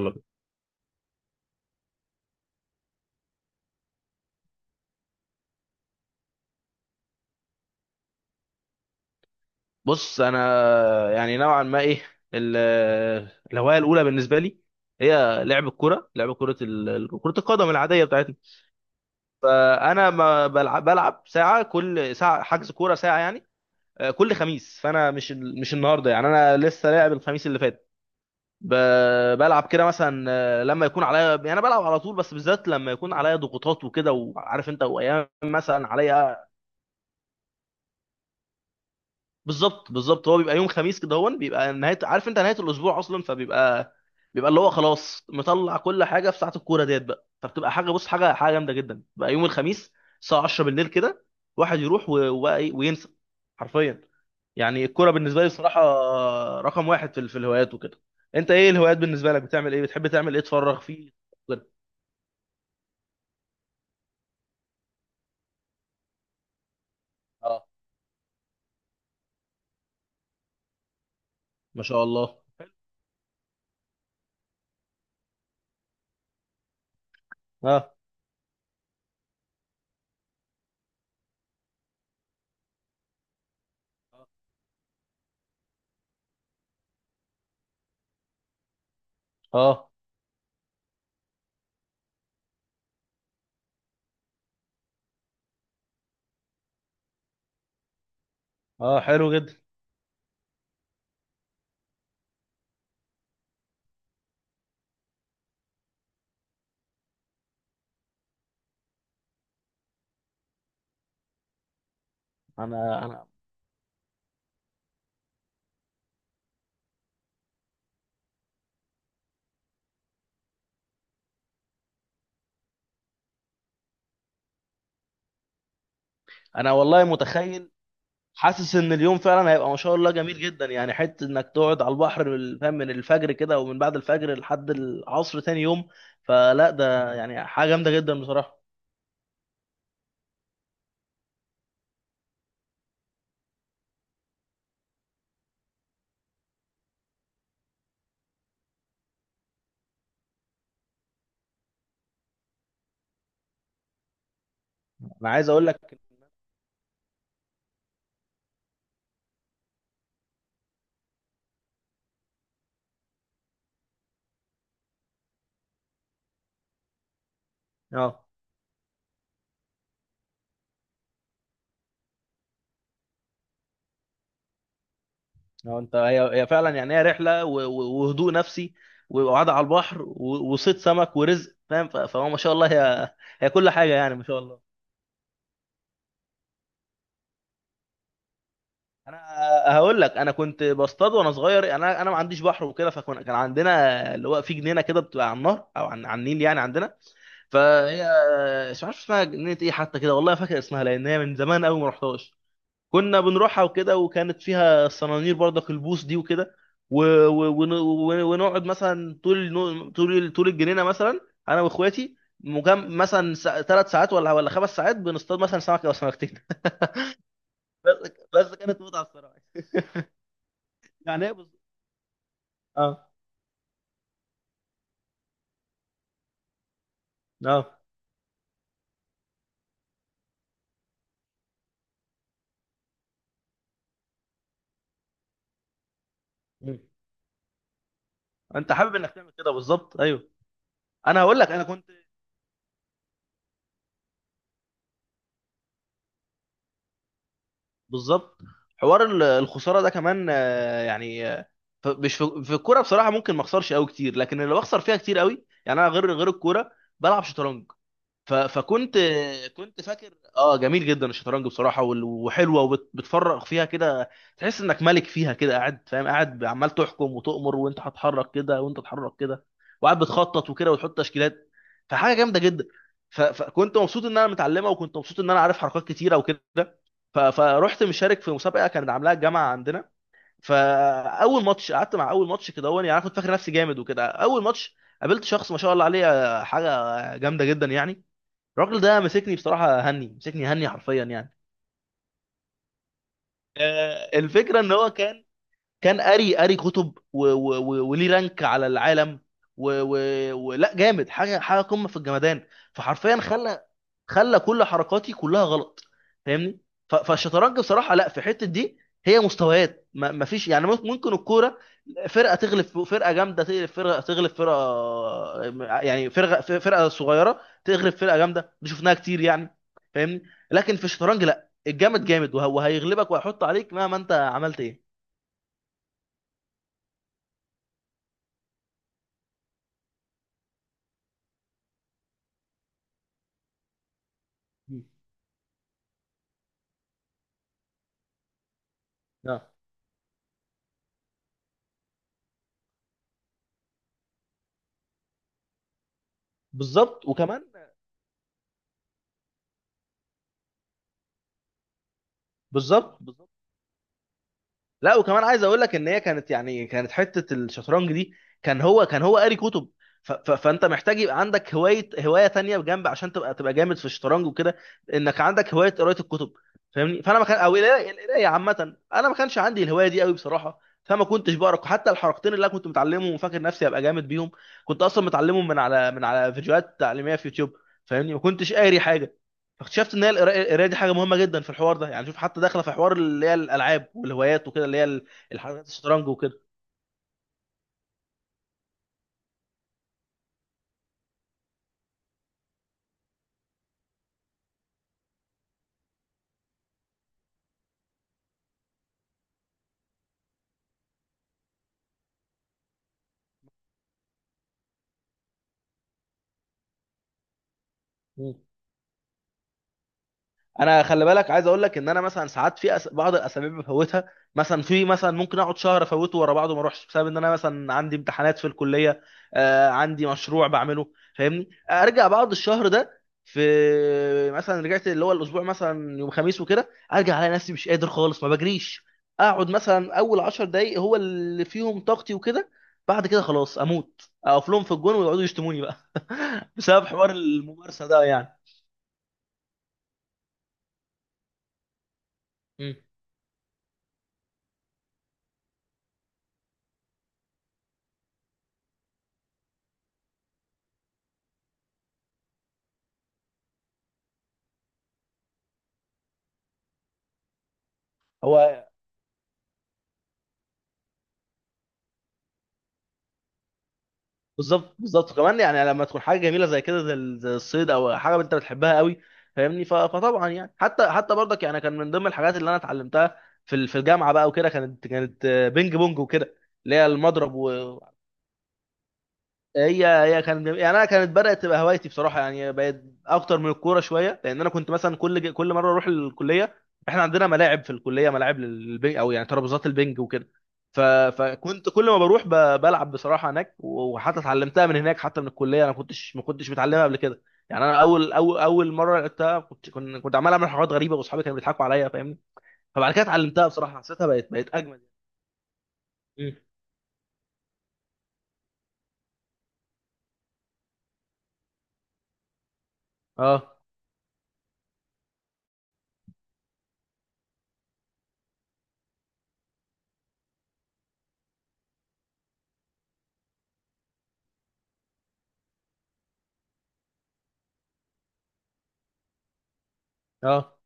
يلا بينا. بص، انا يعني نوعا ما ايه، ال- الهوايه الاولى بالنسبه لي هي لعب الكره، كره القدم العاديه بتاعتنا. فانا ما بلعب، ساعه كل ساعه حجز كوره ساعه يعني. كل خميس، فانا مش النهارده يعني انا لسه لاعب الخميس اللي فات. بلعب كده مثلا، لما يكون عليا، يعني انا بلعب على طول، بس بالذات لما يكون عليا ضغوطات وكده وعارف انت، وايام مثلا عليا. بالظبط بالظبط، هو بيبقى يوم خميس كده، هو بيبقى نهايه عارف انت، نهايه الاسبوع اصلا، فبيبقى اللي هو خلاص، مطلع كل حاجه في ساعه الكوره ديت بقى. فبتبقى حاجه، بص، حاجه جامده جدا بقى يوم الخميس، الساعه 10 بالليل كده. واحد يروح وبقى ايه، وينسى حرفيا. يعني الكوره بالنسبه لي بصراحه رقم واحد في في الهوايات وكده. انت ايه الهوايات بالنسبه لك؟ بتعمل ايه؟ بتحب تعمل ايه تفرغ فيه؟ كده. اه، ما شاء الله. اه اه. اه، حلو جدا. انا انا انا والله متخيل، حاسس ان اليوم فعلا هيبقى ما شاء الله جميل جدا يعني. حته انك تقعد على البحر فاهم، من الفجر كده ومن بعد الفجر لحد العصر تاني يوم، فلا ده يعني حاجه جامده جدا بصراحه. انا عايز اقول لك، اه اه، انت هي فعلا يعني هي رحله وهدوء نفسي وقعده على البحر وصيد سمك ورزق، فاهم، فهو ما شاء الله، هي كل حاجه يعني، ما شاء الله. انا هقول لك، انا كنت بصطاد وانا صغير، انا ما عنديش بحر وكده، فكان عندنا اللي هو في جنينه كده، بتبقى على النهر او على النيل يعني عندنا. فهي مش عارف اسمها جنينه ايه حتى، كده والله، فاكر اسمها لان هي من زمان قوي ما رحتهاش. كنا بنروحها وكده، وكانت فيها الصنانير برضك، البوص دي وكده، ونقعد مثلا طول طول الجنينه مثلا، انا واخواتي، مثلا 3 ساعات ولا 5 ساعات، بنصطاد مثلا سمك او سمكتين. بس كانت متعه الصراحه. يعني ايه بالظبط. اه اه. مم. انت حابب انك تعمل كده، بالظبط، ايوه. انا هقول لك انا كنت، بالظبط، حوار الخساره ده كمان، يعني مش في الكوره بصراحه ممكن ما اخسرش قوي كتير، لكن اللي بخسر فيها كتير قوي، يعني انا غير الكوره بلعب شطرنج. ف- فكنت كنت فاكر اه، جميل جدا الشطرنج بصراحه، وحلوه وبتفرغ فيها كده. تحس انك ملك فيها كده قاعد، فاهم، قاعد عمال تحكم وتؤمر، وانت هتحرك كده وانت تتحرك كده، وقاعد بتخطط وكده وتحط تشكيلات، فحاجه جامده جدا. فكنت مبسوط ان انا متعلمها، وكنت مبسوط ان انا عارف حركات كتيره وكده. فرحت مشارك في مسابقه كانت عاملاها الجامعه عندنا. فاول ماتش قعدت مع، اول ماتش كده، هو يعني انا كنت فاكر نفسي جامد وكده، اول ماتش قابلت شخص ما شاء الله عليه، حاجه جامده جدا يعني. الراجل ده مسكني بصراحه هني، مسكني هني حرفيا يعني. الفكره ان هو كان قاري كتب وليه رانك على العالم ولا جامد حاجه، قمه في الجمدان. فحرفيا خلى كل حركاتي كلها غلط، فاهمني. فالشطرنج بصراحه لا، في الحته دي هي مستويات. ما فيش يعني، ممكن الكوره فرقه تغلب فرقه جامده، تغلب فرقه، تغلب فرقه، يعني فرقه صغيره تغلب فرقه جامده، دي شفناها كتير يعني، فاهمني. لكن في الشطرنج لا، الجامد جامد وهيغلبك وهيحط عليك مهما انت عملت ايه. مم. اه، بالظبط وكمان. بالظبط بالظبط. لا وكمان عايز اقول لك، ان هي كانت يعني كانت حته الشطرنج دي، كان هو، قاري كتب. ف ف فانت محتاج يبقى عندك هوايه، تانية بجنب، عشان تبقى جامد في الشطرنج وكده، انك عندك هوايه قرايه الكتب، فاهمني. فانا ما كان، او القرايه عامه انا ما كانش عندي الهوايه دي قوي بصراحه، فما كنتش بقرا حتى الحركتين اللي انا كنت متعلمهم وفاكر نفسي ابقى جامد بيهم. كنت اصلا متعلمهم من على فيديوهات تعليميه في يوتيوب، فاهمني، ما كنتش قاري حاجه. فاكتشفت ان هي القرايه دي حاجه مهمه جدا في الحوار ده، يعني شوف حتى داخله في حوار اللي هي الالعاب والهوايات وكده، اللي هي الحاجات، الشطرنج وكده. مم. انا خلي بالك، عايز اقول لك ان انا مثلا ساعات في بعض الاسابيع بفوتها، مثلا في مثلا، ممكن اقعد شهر افوته ورا بعضه ما اروحش، بسبب ان انا مثلا عندي امتحانات في الكليه، عندي مشروع بعمله، فاهمني. ارجع بعد الشهر ده في، مثلا رجعت اللي هو الاسبوع مثلا يوم خميس وكده، ارجع الاقي نفسي مش قادر خالص، ما بجريش. اقعد مثلا اول 10 دقايق هو اللي فيهم طاقتي وكده، بعد كده خلاص اموت، اقف لهم في الجون ويقعدوا يشتموني بقى. بسبب حوار الممارسه ده يعني. مم. هو بالظبط بالظبط، كمان يعني لما تكون حاجه جميله زي كده، زي زي الصيد، او حاجه انت بتحبها قوي، فاهمني. فطبعا يعني، حتى برضك يعني، كان من ضمن الحاجات اللي انا اتعلمتها في في الجامعه بقى وكده، كانت بينج بونج وكده، اللي هي المضرب. هي كانت يعني انا كانت بدات تبقى هوايتي بصراحه، يعني بقت اكتر من الكوره شويه، لان انا كنت مثلا كل مره اروح الكليه، احنا عندنا ملاعب في الكليه، ملاعب للبنج، او يعني ترابيزات البنج وكده. فكنت كل ما بروح بلعب بصراحه هناك، وحتى اتعلمتها من هناك، حتى من الكليه، انا كنتش، ما كنتش متعلمها قبل كده. يعني انا اول مره لعبتها، كنت كنت عمال اعمل حاجات غريبه، واصحابي كانوا بيضحكوا عليا، فاهمني. فبعد كده اتعلمتها بصراحه، حسيتها بقت، اجمل مم. اه اه.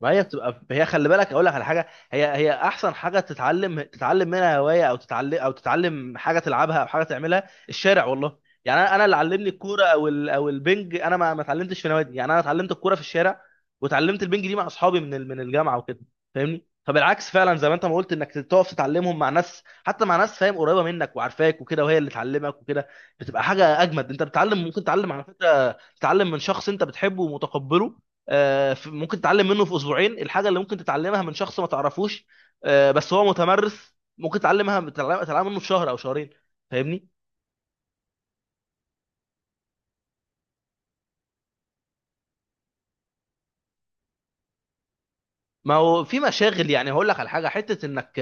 ما هي بتبقى، هي خلي بالك، اقول لك على حاجه، هي احسن حاجه تتعلم، منها هوايه، او تتعلم، او تتعلم حاجه تلعبها، او حاجه تعملها، الشارع والله. يعني انا اللي علمني الكوره، او او البنج، انا ما اتعلمتش في نوادي، يعني انا اتعلمت الكوره في الشارع، وتعلمت البنج دي مع اصحابي من من الجامعه وكده، فاهمني. فبالعكس فعلا، زي ما انت ما قلت، انك تقف تتعلمهم مع ناس، حتى مع ناس فاهم قريبه منك وعارفاك وكده، وهي اللي تعلمك وكده، بتبقى حاجه اجمد. انت بتتعلم، ممكن تتعلم على فكره، تتعلم من شخص انت بتحبه ومتقبله، ممكن تتعلم منه في اسبوعين الحاجه اللي ممكن تتعلمها من شخص ما تعرفوش، بس هو متمرس، ممكن تتعلمها، تتعلم منه في شهر او شهرين، فاهمني. ما هو في مشاغل يعني، هقول لك على حاجه، حته انك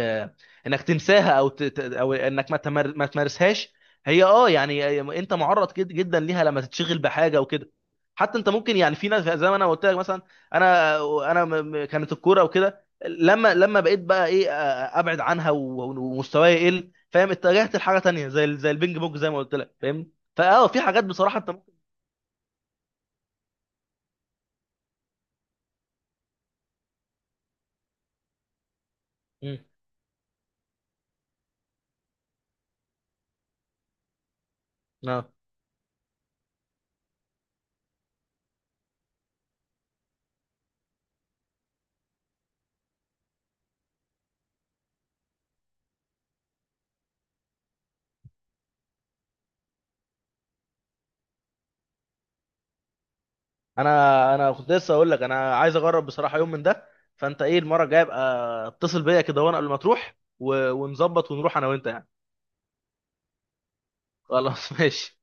تنساها او او انك ما تمارسهاش، هي اه يعني، انت معرض جدا ليها لما تتشغل بحاجه وكده. حتى انت ممكن يعني، في ناس زي ما انا قلت لك مثلا، انا كانت الكوره وكده، لما بقيت بقى ايه، ابعد عنها ومستواي يقل، فاهم، اتجهت لحاجه تانية، زي زي البينج بونج، زي ما قلت لك فاهم، في حاجات بصراحه انت ممكن. مم. اه، انا كنت لسه اقول لك، انا عايز اجرب بصراحه يوم من ده. فانت ايه، المره الجايه ابقى اتصل بيا كده، وانا قبل ما تروح، ونظبط ونروح انا وانت يعني. خلاص. ماشي.